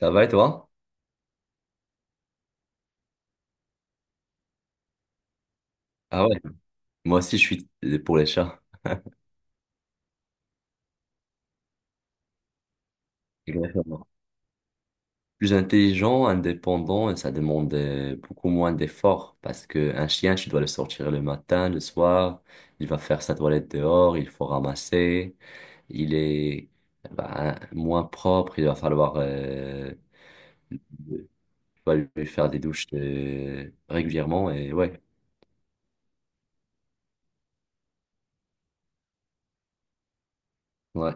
Ça va et toi? Ah ouais, moi aussi je suis pour les chats. Exactement. Plus intelligent, indépendant et ça demande beaucoup moins d'efforts parce qu'un chien, tu dois le sortir le matin, le soir, il va faire sa toilette dehors, il faut ramasser, il est bah, moins propre, il va falloir tu vas lui faire des douches régulièrement et ouais. Ouais.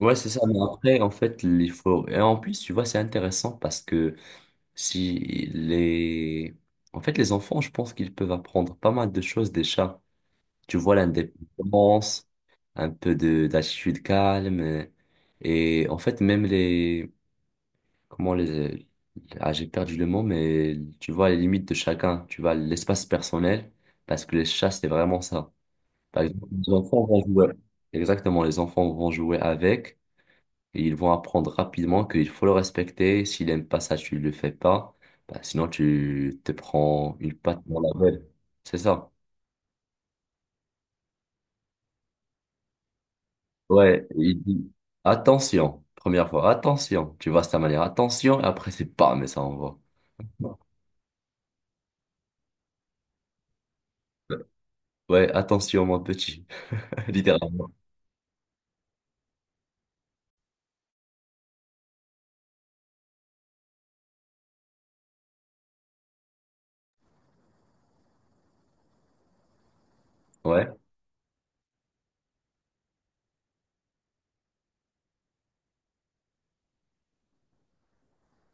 Ouais, c'est ça. Mais après, en fait, il faut. Et en plus, tu vois, c'est intéressant parce que Si les... en fait, les enfants, je pense qu'ils peuvent apprendre pas mal de choses des chats. Tu vois l'indépendance, un peu de d'attitude calme. Et en fait, même les... Comment les... Ah, j'ai perdu le mot, mais tu vois les limites de chacun. Tu vois l'espace personnel, parce que les chats, c'est vraiment ça. Par exemple, les enfants vont jouer. Exactement, les enfants vont jouer avec. Et ils vont apprendre rapidement qu'il faut le respecter. S'il n'aime pas ça, tu ne le fais pas. Bah, sinon, tu te prends une patte dans la gueule. C'est ça. Ouais, il dit attention, première fois, attention. Tu vois, c'est ta manière, attention. Et après, c'est pas, mais ça envoie. Ouais, attention, mon petit. Littéralement. Ouais.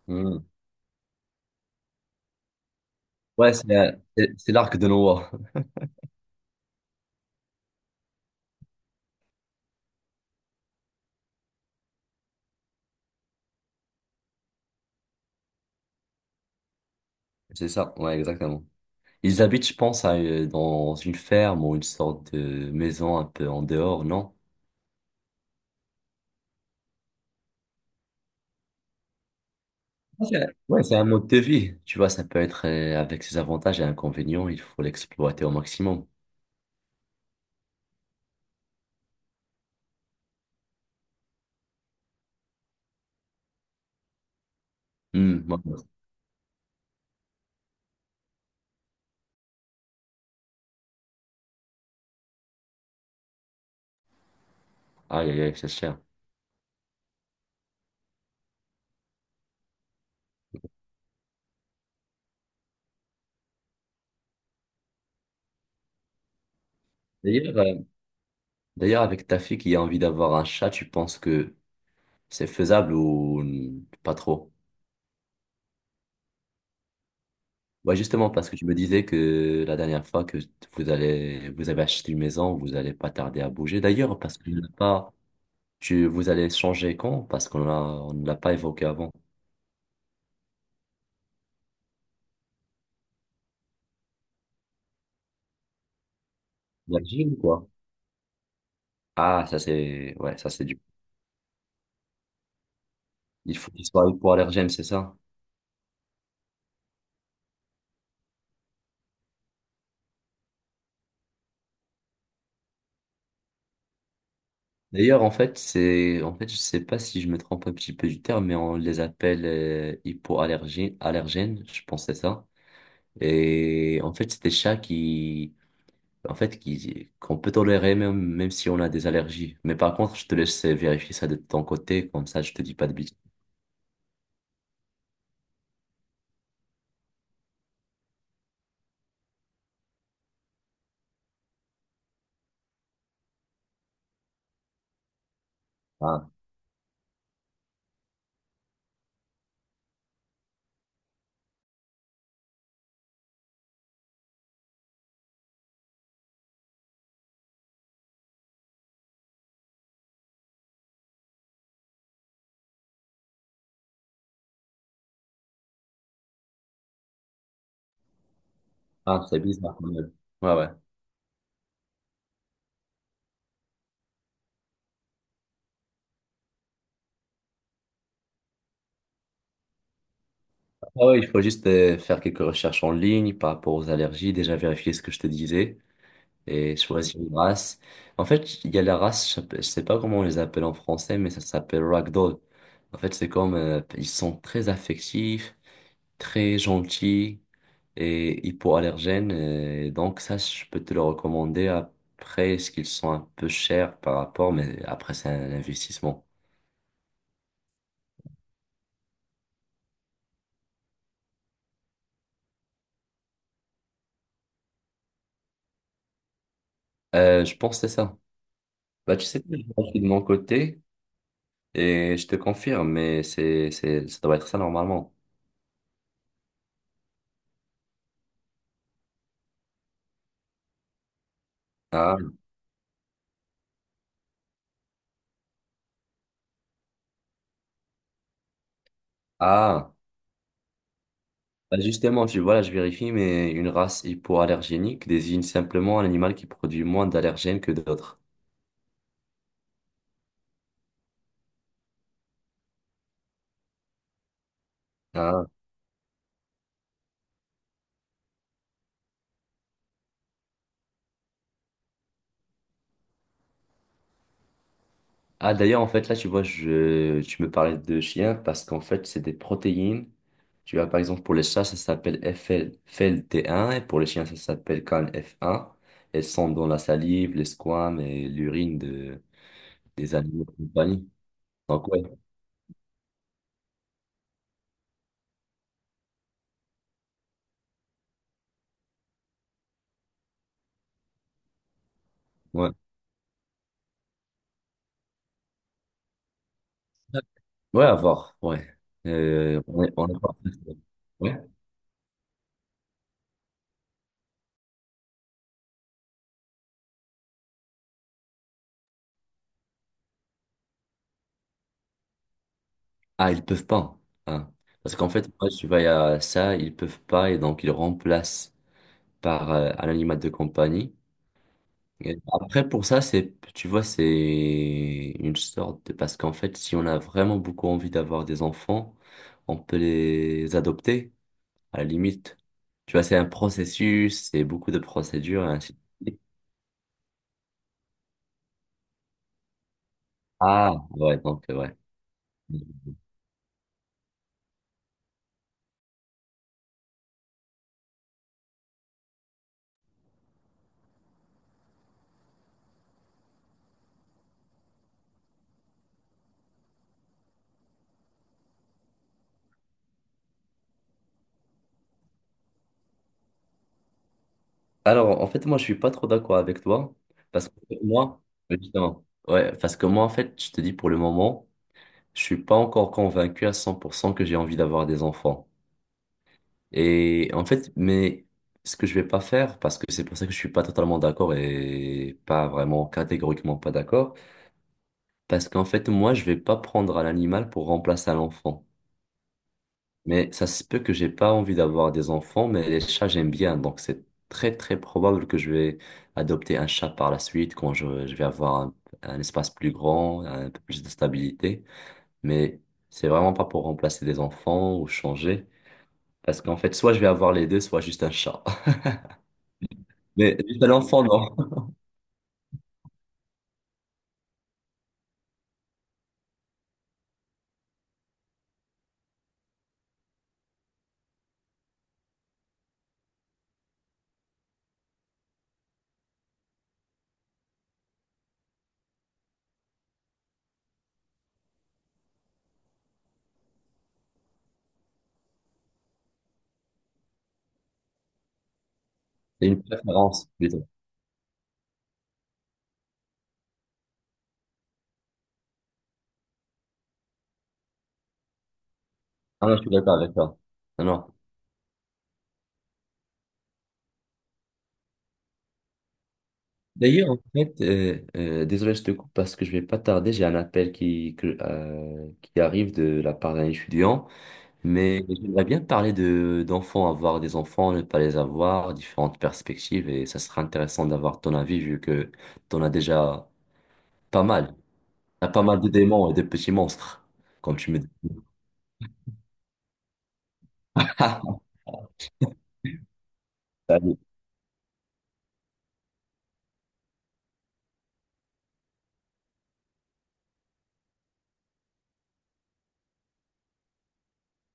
Hmm. Ouais, c'est l'arc de Noah. C'est ça, ouais, exactement. Ils habitent, je pense, dans une ferme ou une sorte de maison un peu en dehors, non? C'est Ouais, c'est un mode de vie. Tu vois, ça peut être avec ses avantages et inconvénients, il faut l'exploiter au maximum. Hmm, ouais. Aïe, aïe, aïe, c'est cher. D'ailleurs, euh, d'ailleurs, avec ta fille qui a envie d'avoir un chat, tu penses que c'est faisable ou pas trop? Ouais, justement, parce que tu me disais que la dernière fois que vous allez, vous avez acheté une maison, vous allez pas tarder à bouger. D'ailleurs, parce que pas, vous allez changer quand? Parce qu'on ne l'a pas évoqué avant. La gym, quoi. Ah, ouais, ça c'est du. Il faut disparaître pour allergène, c'est ça? D'ailleurs, en fait, je sais pas si je me trompe un petit peu du terme, mais on les appelle hypoallergènes, allergènes, je pense que c'est ça. Et en fait, c'est des chats qui, en fait, qui, qu'on peut tolérer même si on a des allergies. Mais par contre, je te laisse vérifier ça de ton côté, comme ça, je te dis pas de bêtises. Ah, ah, c'est bizarre quand même. Ouais, ouais. Ah ouais, il faut juste faire quelques recherches en ligne par rapport aux allergies, déjà vérifier ce que je te disais. Et choisis une race. En fait, il y a la race, je sais pas comment on les appelle en français, mais ça s'appelle ragdoll. En fait, c'est comme, ils sont très affectifs, très gentils et hypoallergènes. Et donc ça, je peux te le recommander après, ce qu'ils sont un peu chers par rapport, mais après, c'est un investissement. Je pense que c'est ça. Bah, tu sais, je suis de mon côté et je te confirme, mais c'est, ça doit être ça normalement. Ah, ah. Bah, justement, voilà, je vérifie, mais une race hypoallergénique désigne simplement un animal qui produit moins d'allergènes que d'autres. Ah, ah, d'ailleurs, en fait, là, tu vois, tu me parlais de chiens parce qu'en fait, c'est des protéines. Tu vois, par exemple, pour les chats, ça s'appelle FLT1 et pour les chiens, ça s'appelle CANF1. Elles sont dans la salive, les squames et l'urine des animaux de compagnie. Donc, ouais, ouais. Ouais, à voir, ouais. On est pas... Ouais. Ouais. Ah, ils peuvent pas. Hein. Parce qu'en fait, moi, tu vas à ça, ils peuvent pas et donc ils remplacent par un animal de compagnie. Et après, pour ça, c'est, tu vois, c'est une sorte de... Parce qu'en fait, si on a vraiment beaucoup envie d'avoir des enfants, on peut les adopter, à la limite. Tu vois, c'est un processus, c'est beaucoup de procédures et ainsi de suite. Ah, ouais, donc, ouais. Alors, en fait, moi, je suis pas trop d'accord avec toi. Parce que moi, justement, ouais, parce que moi, en fait, je te dis pour le moment, je suis pas encore convaincu à 100% que j'ai envie d'avoir des enfants. Et en fait, mais ce que je vais pas faire, parce que c'est pour ça que je suis pas totalement d'accord et pas vraiment catégoriquement pas d'accord, parce qu'en fait, moi, je vais pas prendre à l'animal pour remplacer à l'enfant. Mais ça se peut que j'ai pas envie d'avoir des enfants, mais les chats, j'aime bien. Donc, c'est très, très probable que je vais adopter un chat par la suite quand je vais avoir un espace plus grand, un peu plus de stabilité. Mais c'est vraiment pas pour remplacer des enfants ou changer. Parce qu'en fait, soit je vais avoir les deux, soit juste un chat. Mais juste un enfant, non. C'est une préférence, plutôt. Ah non, je suis d'accord avec toi. Non, non. D'ailleurs, en fait, désolé, je te coupe parce que je vais pas tarder. J'ai un appel qui arrive de la part d'un étudiant, mais j'aimerais bien parler d'enfants, avoir des enfants, ne pas les avoir, différentes perspectives, et ça sera intéressant d'avoir ton avis vu que tu en as déjà pas mal. T'as pas mal de démons et de petits monstres, comme tu me dis.